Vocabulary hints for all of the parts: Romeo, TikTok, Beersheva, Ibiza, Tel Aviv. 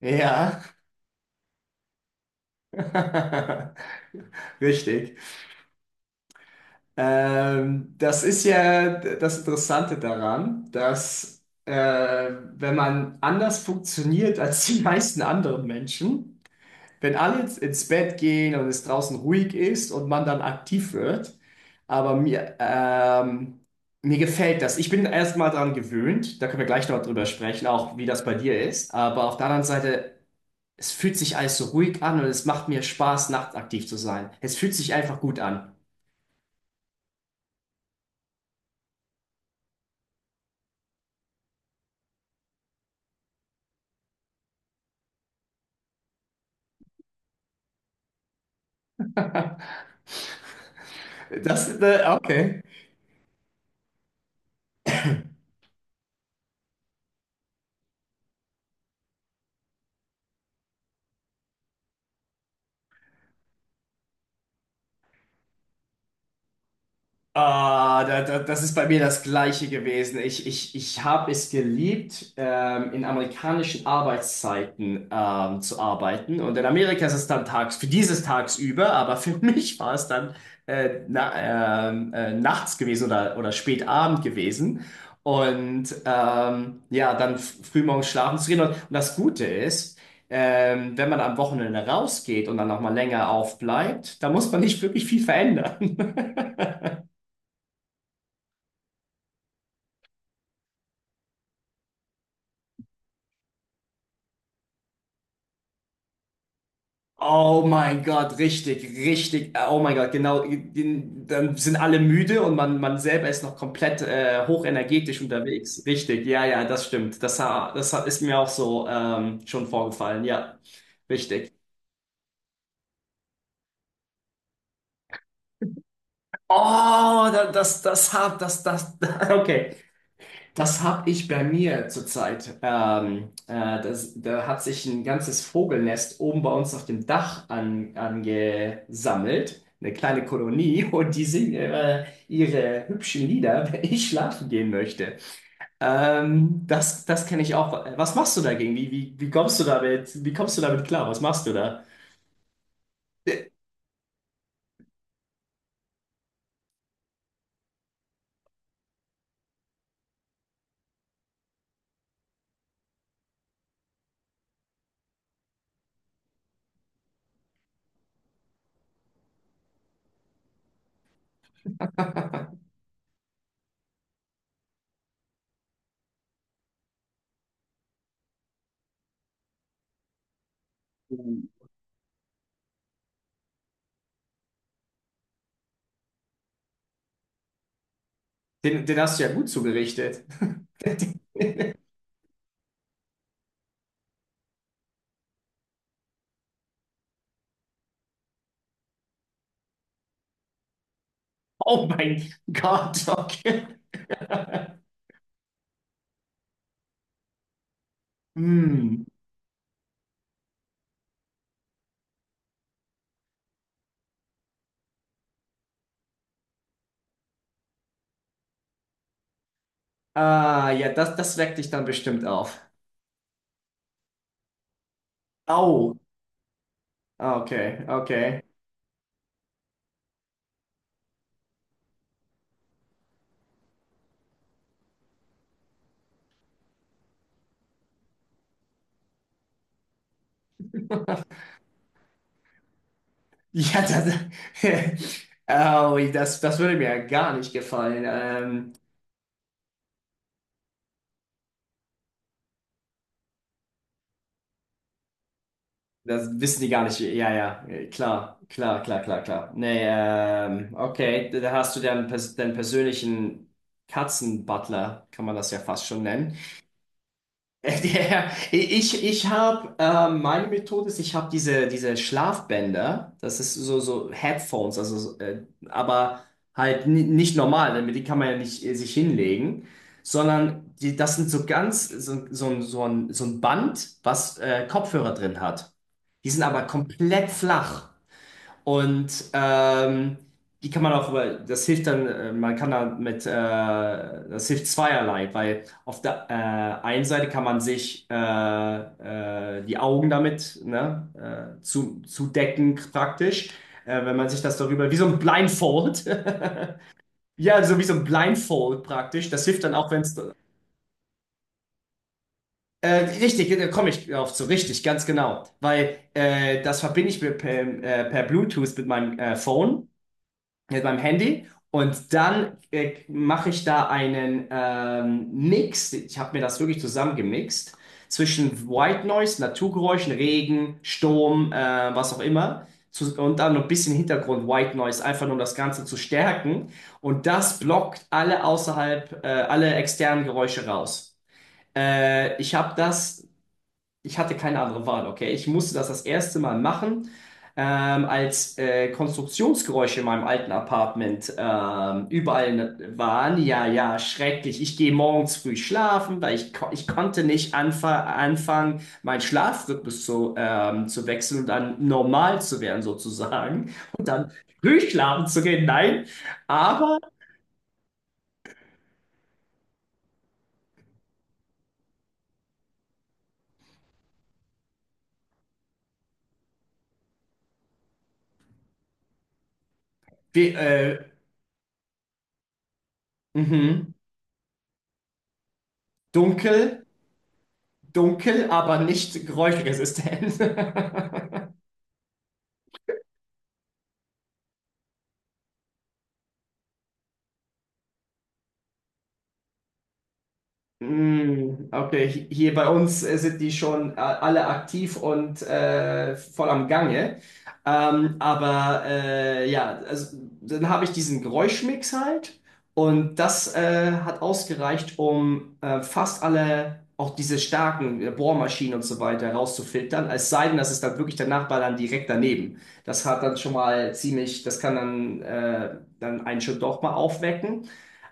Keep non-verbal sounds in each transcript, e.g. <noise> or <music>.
Ja, <laughs> richtig. Das ist ja das Interessante daran, dass wenn man anders funktioniert <laughs> als die meisten anderen Menschen, wenn alle ins Bett gehen und es draußen ruhig ist und man dann aktiv wird, aber mir gefällt das. Ich bin erstmal daran gewöhnt, da können wir gleich noch drüber sprechen, auch wie das bei dir ist, aber auf der anderen Seite, es fühlt sich alles so ruhig an und es macht mir Spaß, nachtaktiv zu sein. Es fühlt sich einfach gut an. Okay. Das ist bei mir das Gleiche gewesen. Ich habe es geliebt, in amerikanischen Arbeitszeiten zu arbeiten. Und in Amerika ist es dann tags, für dieses tagsüber, aber für <laughs> mich war es dann nachts gewesen oder spät Abend gewesen. Und ja, dann frühmorgens schlafen zu gehen. Und das Gute ist, wenn man am Wochenende rausgeht und dann nochmal länger aufbleibt, da muss man nicht wirklich viel verändern. <laughs> Oh mein Gott, richtig, richtig. Oh mein Gott, genau. Dann sind alle müde und man selber ist noch komplett hochenergetisch unterwegs. Richtig, ja, ja, das stimmt. Das ist mir auch so schon vorgefallen. Ja, richtig. Oh, da- das, das hab, das, das, <laughs> okay. Das habe ich bei mir zurzeit. Da hat sich ein ganzes Vogelnest oben bei uns auf dem Dach angesammelt. Eine kleine Kolonie <laughs> und die singen ihre hübschen Lieder, <laughs> wenn ich schlafen gehen möchte. Das kenne ich auch. Was machst du dagegen? Wie kommst du damit? Wie kommst du damit klar? Was machst du da? Den hast du ja gut zugerichtet. <laughs> Oh mein Gott, okay. <laughs> Hm. Ah, ja, das weckt dich dann bestimmt auf. Au. Ah, okay, okay. Ja, <laughs> au, das würde mir gar nicht gefallen. Das wissen die gar nicht. Ja, ja, klar, klar, klar, klar, klar. Nee, okay, da hast du deinen persönlichen Katzenbutler, kann man das ja fast schon nennen. <laughs> Der, ich ich habe meine Methode ist, ich habe diese Schlafbänder, das ist so, so Headphones, also aber halt nicht normal, damit die kann man ja nicht sich hinlegen, sondern das sind so ganz so, so, ein- so, ein, so ein Band, was Kopfhörer drin hat. Die sind aber komplett flach. Und ähm, die kann man auch, das hilft dann, man kann da mit, das hilft zweierlei, weil auf der einen Seite kann man sich die Augen damit ne, zudecken praktisch, wenn man sich das darüber, wie so ein Blindfold, <laughs> ja, so wie so ein Blindfold praktisch, das hilft dann auch, wenn es, äh, richtig, da komme ich drauf zu, richtig, ganz genau, weil das verbinde ich mir per Bluetooth mit meinem Phone. Mit meinem Handy und dann mache ich da einen Mix. Ich habe mir das wirklich zusammengemixt zwischen White Noise, Naturgeräuschen, Regen, Sturm, was auch immer. Und dann noch ein bisschen Hintergrund White Noise, einfach nur um das Ganze zu stärken. Und das blockt alle externen Geräusche raus. Ich habe das Ich hatte keine andere Wahl, okay? Ich musste das erste Mal machen, als Konstruktionsgeräusche in meinem alten Apartment überall ne, waren. Ja, ja, schrecklich. Ich gehe morgens früh schlafen, weil ich konnte nicht anfangen, meinen Schlafrhythmus zu wechseln und dann normal zu werden, sozusagen. Und dann früh schlafen zu gehen. Nein, aber wir, äh, mhm, dunkel, dunkel, aber nicht geräuschresistent. <laughs> Mm, okay. Hier bei uns sind die schon alle aktiv und voll am Gange. Ja, also, dann habe ich diesen Geräuschmix halt und das hat ausgereicht, um fast alle, auch diese starken Bohrmaschinen und so weiter rauszufiltern. Es sei denn, das ist dann wirklich der Nachbar dann direkt daneben. Das kann dann, dann einen schon doch mal aufwecken.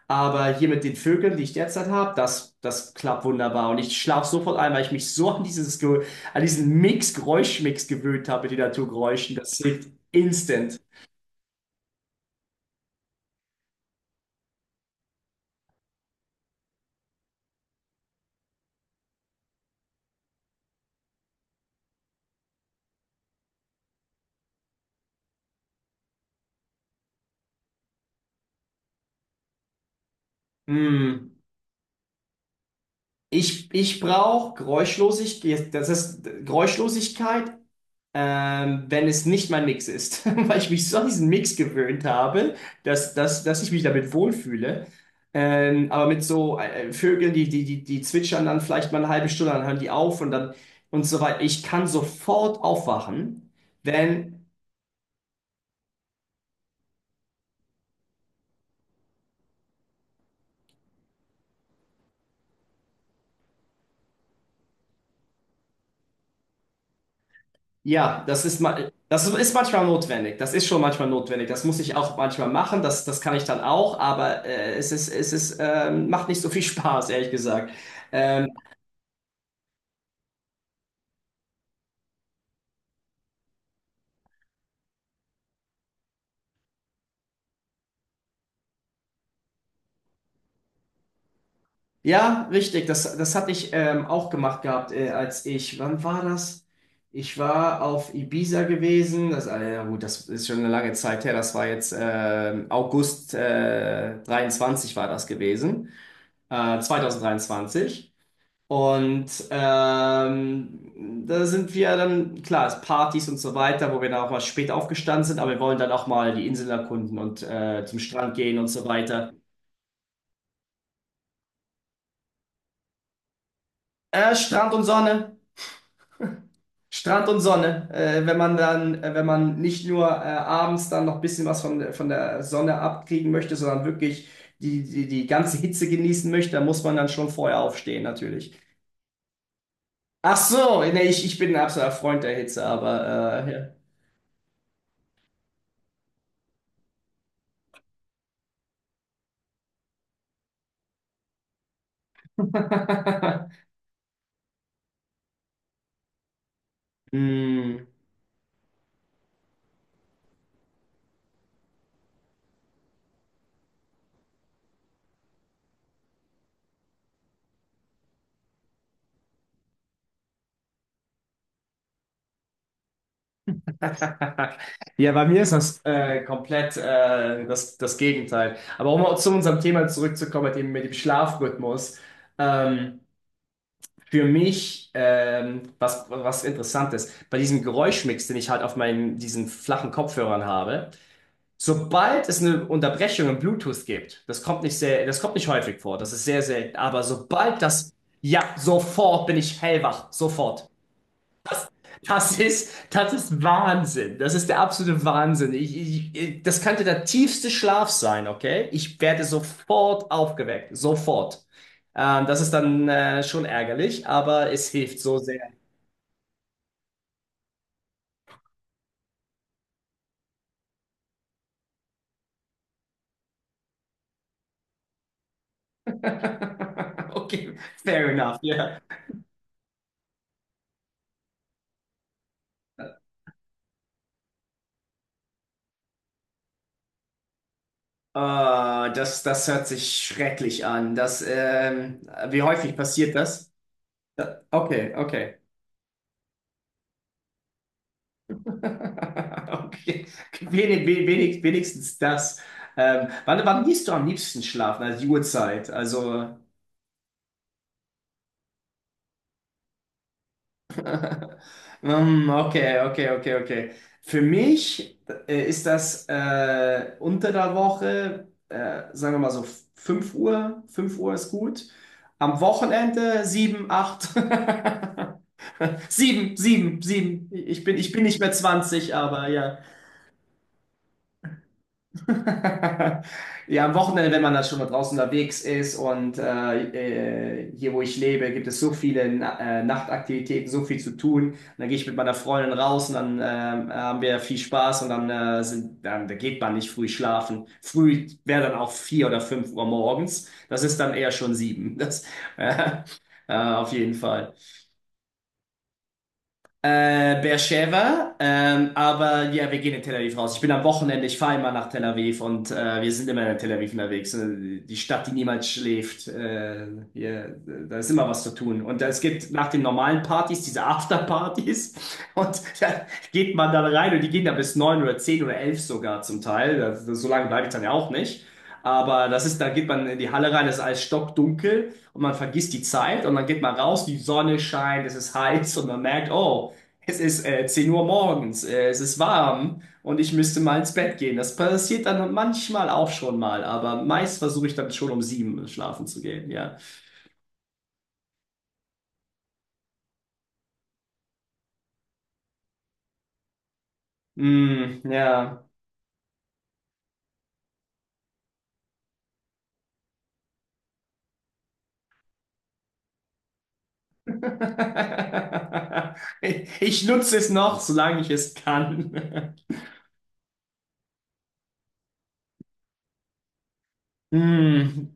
Aber hier mit den Vögeln, die ich derzeit habe, das klappt wunderbar. Und ich schlafe sofort ein, weil ich mich so an diesen Geräuschmix gewöhnt habe mit den Naturgeräuschen. Das hilft instant. Hm. Ich brauche Geräuschlosigkeit, das ist Geräuschlosigkeit, wenn es nicht mein Mix ist, <laughs> weil ich mich so an diesen Mix gewöhnt habe, dass ich mich damit wohlfühle. Aber mit so Vögeln, die zwitschern dann vielleicht mal eine halbe Stunde, dann hören die auf und dann und so weiter. Ich kann sofort aufwachen, wenn, ja, das ist manchmal notwendig. Das ist schon manchmal notwendig. Das muss ich auch manchmal machen. Das kann ich dann auch, aber macht nicht so viel <laughs> Spaß, ehrlich gesagt. Ähm, Ja, richtig. Das hatte ich auch gemacht gehabt, wann war das? Ich war auf Ibiza gewesen. Ja gut, das ist schon eine lange Zeit her. Das war jetzt August 23 war das gewesen. 2023. Und da sind wir dann, klar, es Partys und so weiter, wo wir dann auch mal spät aufgestanden sind, aber wir wollen dann auch mal die Inseln erkunden und zum Strand gehen und so weiter. Strand und Sonne. Strand und Sonne, wenn man nicht nur abends dann noch ein bisschen was von der Sonne abkriegen möchte, sondern wirklich die ganze Hitze genießen möchte, dann muss man dann schon vorher aufstehen, natürlich. Ach so, nee, ich bin ein absoluter Freund der Hitze, aber ja. <laughs> Hm. <laughs> Ja, bei mir ist das komplett das Gegenteil. Aber um zu unserem Thema zurückzukommen, mit dem Schlafrhythmus. Ähm, Für mich, was, was Interessantes, bei diesem Geräuschmix, den ich halt auf diesen flachen Kopfhörern habe, sobald es eine Unterbrechung im Bluetooth gibt, das kommt nicht häufig vor, das ist sehr selten, aber ja, sofort bin ich hellwach, sofort. Das ist Wahnsinn, das ist der absolute Wahnsinn. Das könnte der tiefste Schlaf sein, okay? Ich werde sofort aufgeweckt, sofort. Das ist dann schon ärgerlich, aber es hilft so sehr. <laughs> Okay, fair enough, ja. Ah, das hört sich schrecklich an. Wie häufig passiert das? Ja, okay, okay. <laughs> Okay. Wenigstens das. Wann gehst du am liebsten schlafen? Also die Uhrzeit. Also. Okay, okay, okay, okay. Für mich ist das unter der Woche, sagen wir mal so 5 Uhr ist gut. Am Wochenende 7, 8, <laughs> 7, 7, 7. Ich bin nicht mehr 20, aber ja. <laughs> Ja, am Wochenende, wenn man dann schon mal draußen unterwegs ist und hier, wo ich lebe, gibt es so viele Nachtaktivitäten, so viel zu tun. Und dann gehe ich mit meiner Freundin raus und dann haben wir viel Spaß und dann, sind, dann da geht man nicht früh schlafen. Früh wäre dann auch vier oder fünf Uhr morgens. Das ist dann eher schon sieben. <laughs> Äh, auf jeden Fall. Beersheva, aber ja, wir gehen in Tel Aviv raus. Ich bin am Wochenende, Ich fahre immer nach Tel Aviv und wir sind immer in Tel Aviv unterwegs. Die Stadt, die niemals schläft. Hier, da ist immer was zu tun. Und es gibt nach den normalen Partys diese Afterpartys <laughs> und da geht man dann rein und die gehen da bis neun oder 10 oder 11 sogar zum Teil. So lange bleibe ich dann ja auch nicht. Da geht man in die Halle rein, es ist alles stockdunkel und man vergisst die Zeit und dann geht man raus, die Sonne scheint, es ist heiß und man merkt, oh, es ist 10 Uhr morgens, es ist warm und ich müsste mal ins Bett gehen. Das passiert dann manchmal auch schon mal, aber meist versuche ich dann schon um sieben schlafen zu gehen, ja. Mm, ja. <laughs> Ich nutze es noch, solange ich es kann. <laughs> Mm.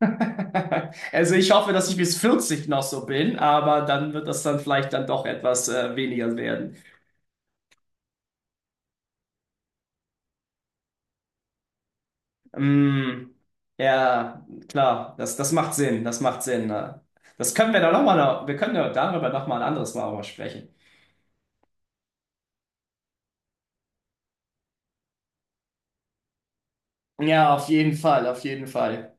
<laughs> Also ich hoffe, dass ich bis 40 noch so bin, aber dann wird das dann vielleicht dann doch etwas weniger werden. Mm, ja, klar, das macht Sinn, das macht Sinn. Ne? Das können wir dann nochmal, wir können ja darüber nochmal ein anderes Mal aber sprechen. Ja, auf jeden Fall, auf jeden Fall.